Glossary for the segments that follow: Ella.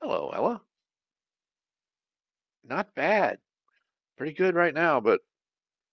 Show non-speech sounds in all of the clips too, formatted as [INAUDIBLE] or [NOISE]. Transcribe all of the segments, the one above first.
Hello, Ella. Not bad. Pretty good right now, but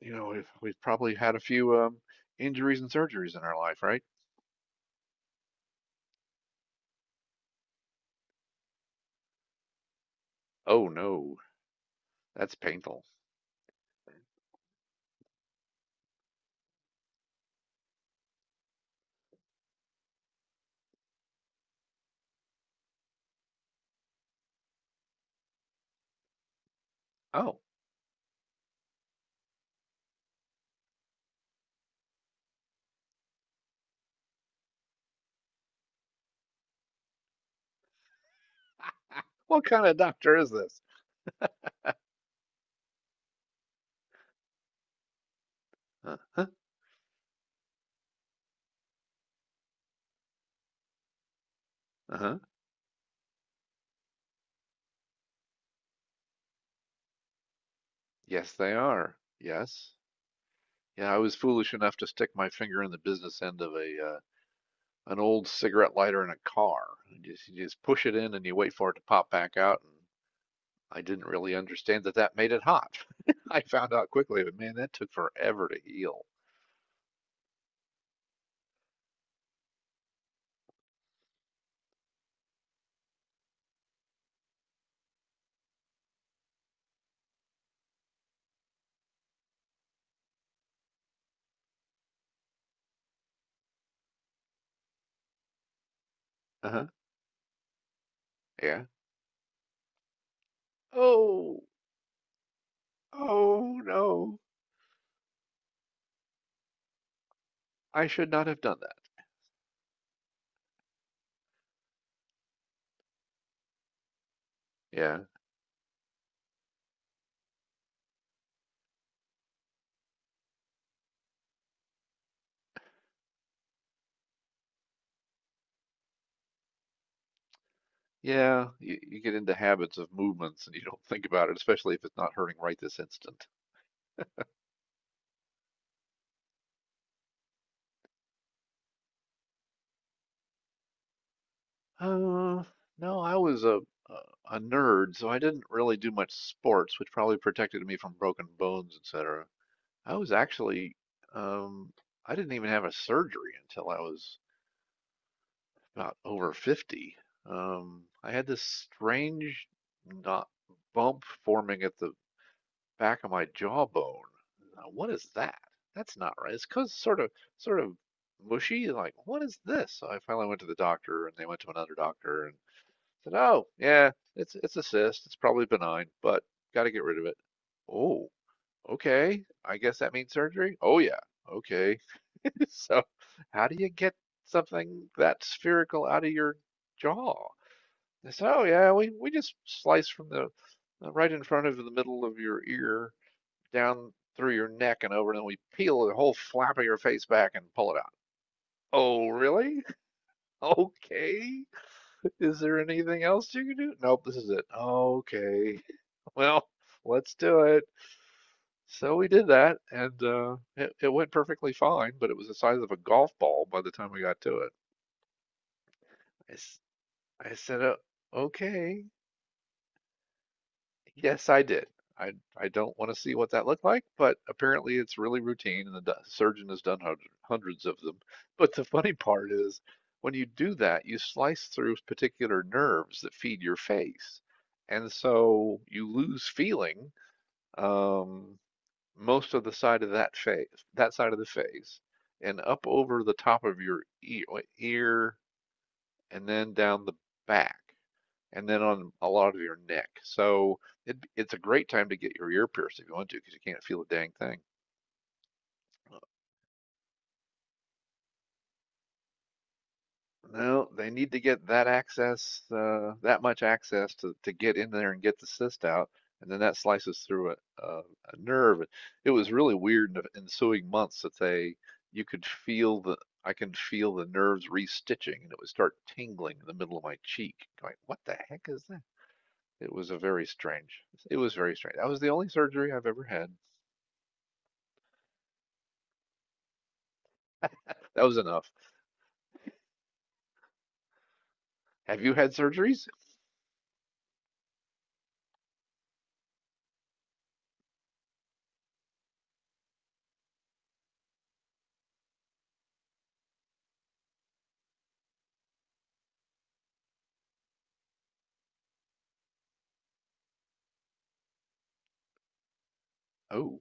you know, we've probably had a few injuries and surgeries in our life, right? Oh no, that's painful. Oh, [LAUGHS] what kind of doctor is this? Uh-huh. Uh-huh. Yes, they are. Yes. Yeah, I was foolish enough to stick my finger in the business end of a an old cigarette lighter in a car. You just push it in and you wait for it to pop back out, and I didn't really understand that that made it hot. [LAUGHS] I found out quickly, but man, that took forever to heal. Uh-huh. Yeah. Oh, oh no. I should not have done that. Yeah. Yeah, you get into habits of movements and you don't think about it, especially if it's not hurting right this instant. Uh, no, I was a nerd, so I didn't really do much sports, which probably protected me from broken bones, etc. I was actually um I didn't even have a surgery until I was not over 50. I had this strange not bump forming at the back of my jawbone. Now, what is that? That's not right. It's cause sort of mushy. Like, what is this? So I finally went to the doctor, and they went to another doctor and said, "Oh, yeah, it's a cyst. It's probably benign, but got to get rid of it." Oh, okay. I guess that means surgery. Oh yeah. Okay. [LAUGHS] So how do you get something that spherical out of your jaw? So yeah, we just slice from the right in front of the middle of your ear down through your neck and over, and then we peel the whole flap of your face back and pull it out. Oh, really? [LAUGHS] Okay. Is there anything else you can do? Nope, this is it. Okay. [LAUGHS] Well, let's do it. So we did that, and it went perfectly fine, but it was the size of a golf ball by the time we got to it. It's I said, okay, yes, I did. I don't want to see what that looked like, but apparently it's really routine, and the surgeon has done hundreds of them. But the funny part is, when you do that, you slice through particular nerves that feed your face, and so you lose feeling um, most of the side of that face, that side of the face, and up over the top of your ear and then down the back, and then on a lot of your neck. So it's a great time to get your ear pierced if you want to, because you can't feel a dang thing. Well, no, they need to get that access, that much access to get in there and get the cyst out. And then that slices through a nerve. It was really weird in the ensuing months that you could feel the, I can feel the nerves restitching and it would start tingling in the middle of my cheek. Going, what the heck is that? It was it was very strange. That was the only surgery I've ever had. That was enough. Have you had surgeries? Oh.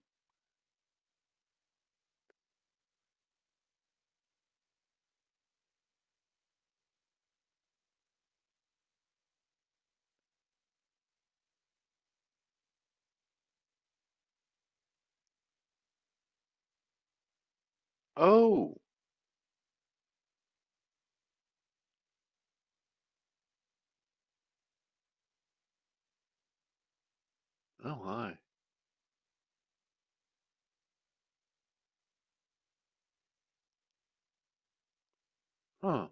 Oh. Oh my. Huh.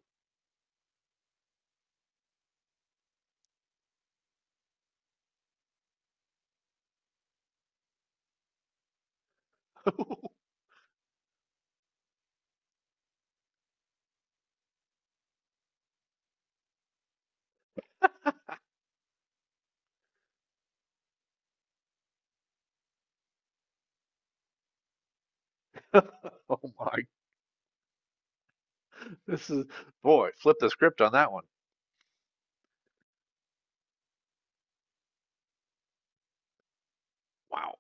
[LAUGHS] oh my. This is boy, flip the script on that one. Wow.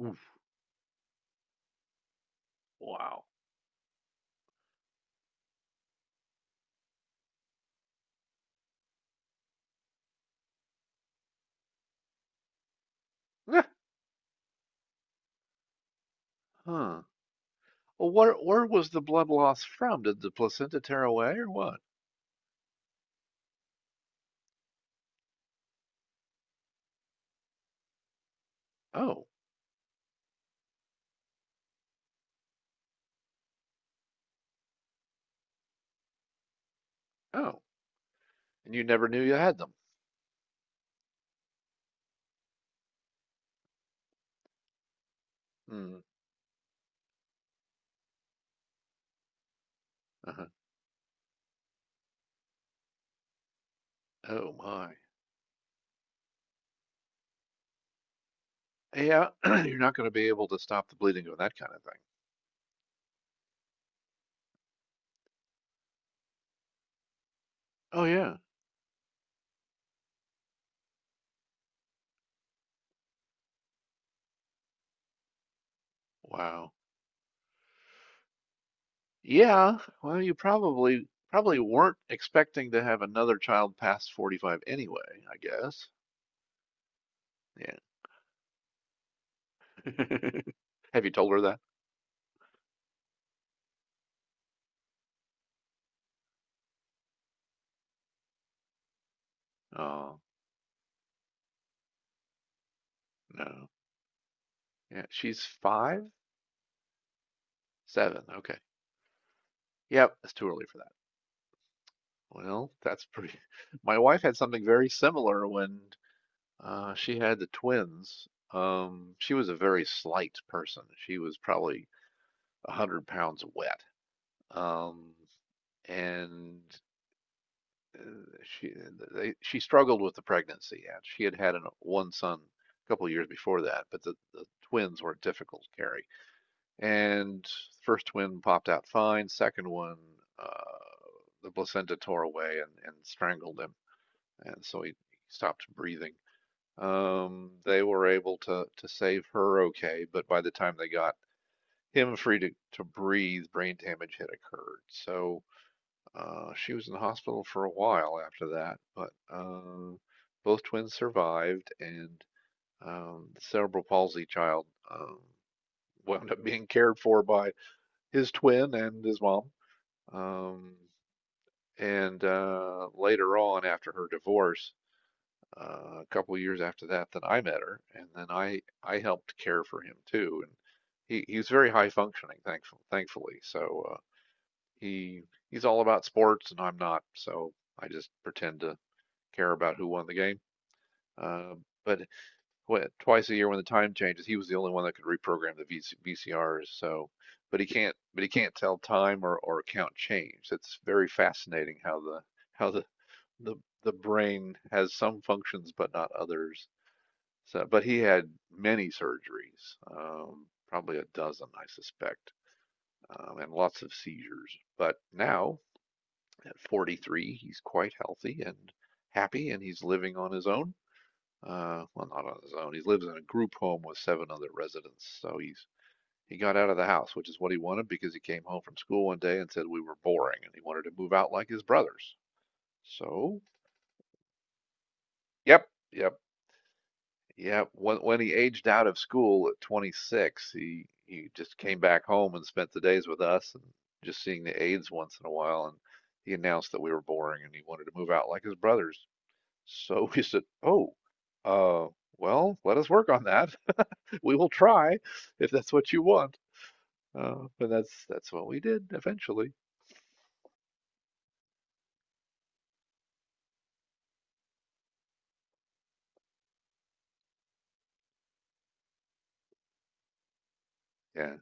Oof. Wow. Eh, huh. Well, where was the blood loss from? Did the placenta tear away or what? Oh. Oh. And you never knew you had them. Hmm. Uh-huh. Oh my. Yeah, [CLEARS THROAT] you're not going to be able to stop the bleeding of that kind of thing. Oh yeah. Wow. Yeah, well, you probably weren't expecting to have another child past 45 anyway, I guess. Yeah. [LAUGHS] Have you told her that? Oh, no. Yeah, she's 5? 7. Okay. Yep, it's too early for that. Well, that's pretty. [LAUGHS] My wife had something very similar when she had the twins. She was a very slight person. She was probably a 100 pounds wet. Um, and uh, she she struggled with the pregnancy and she had had one son a couple of years before that, but the twins were difficult to carry, and first twin popped out fine, second one uh, the placenta tore away and strangled him, and so he stopped breathing. Um, they were able to save her okay, but by the time they got him free to breathe, brain damage had occurred. So she was in the hospital for a while after that, but both twins survived, and the cerebral palsy child [LAUGHS] wound up being cared for by his twin and his mom. Um, and later on, after her divorce, a couple of years after that, then I met her, and then I helped care for him too. And he's very high functioning, thankfully. So he he's all about sports, and I'm not, so I just pretend to care about who won the game. But what, twice a year when the time changes, he was the only one that could reprogram the VCRs. So, but he can't tell time or count change. It's very fascinating how how the, the the brain has some functions but not others. So, but he had many surgeries, probably a dozen, I suspect, and lots of seizures. But now at 43, he's quite healthy and happy, and he's living on his own. Well, not on his own. He lives in a group home with seven other residents. So he got out of the house, which is what he wanted because he came home from school one day and said we were boring and he wanted to move out like his brothers. So, yep, yep, yep. When he aged out of school at 26, he just came back home and spent the days with us and just seeing the aides once in a while and he announced that we were boring and he wanted to move out like his brothers. So [LAUGHS] we said, "Oh, uh, well, let us work on that. We will try if that's what you want." But that's what we did eventually. Yeah.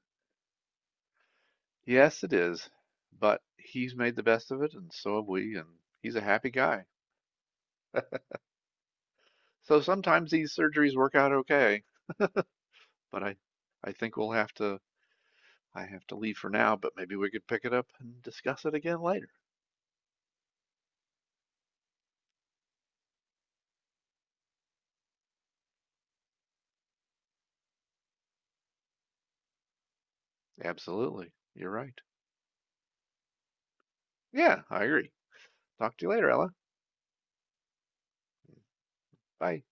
Yes, it is. But he's made the best of it, and so have we, and he's a happy guy. So sometimes these surgeries work out okay, but I think we'll have to. I have to leave for now, but maybe we could pick it up and discuss it again later. Absolutely. You're right. Yeah, I agree. Talk to you later, Ella. Bye.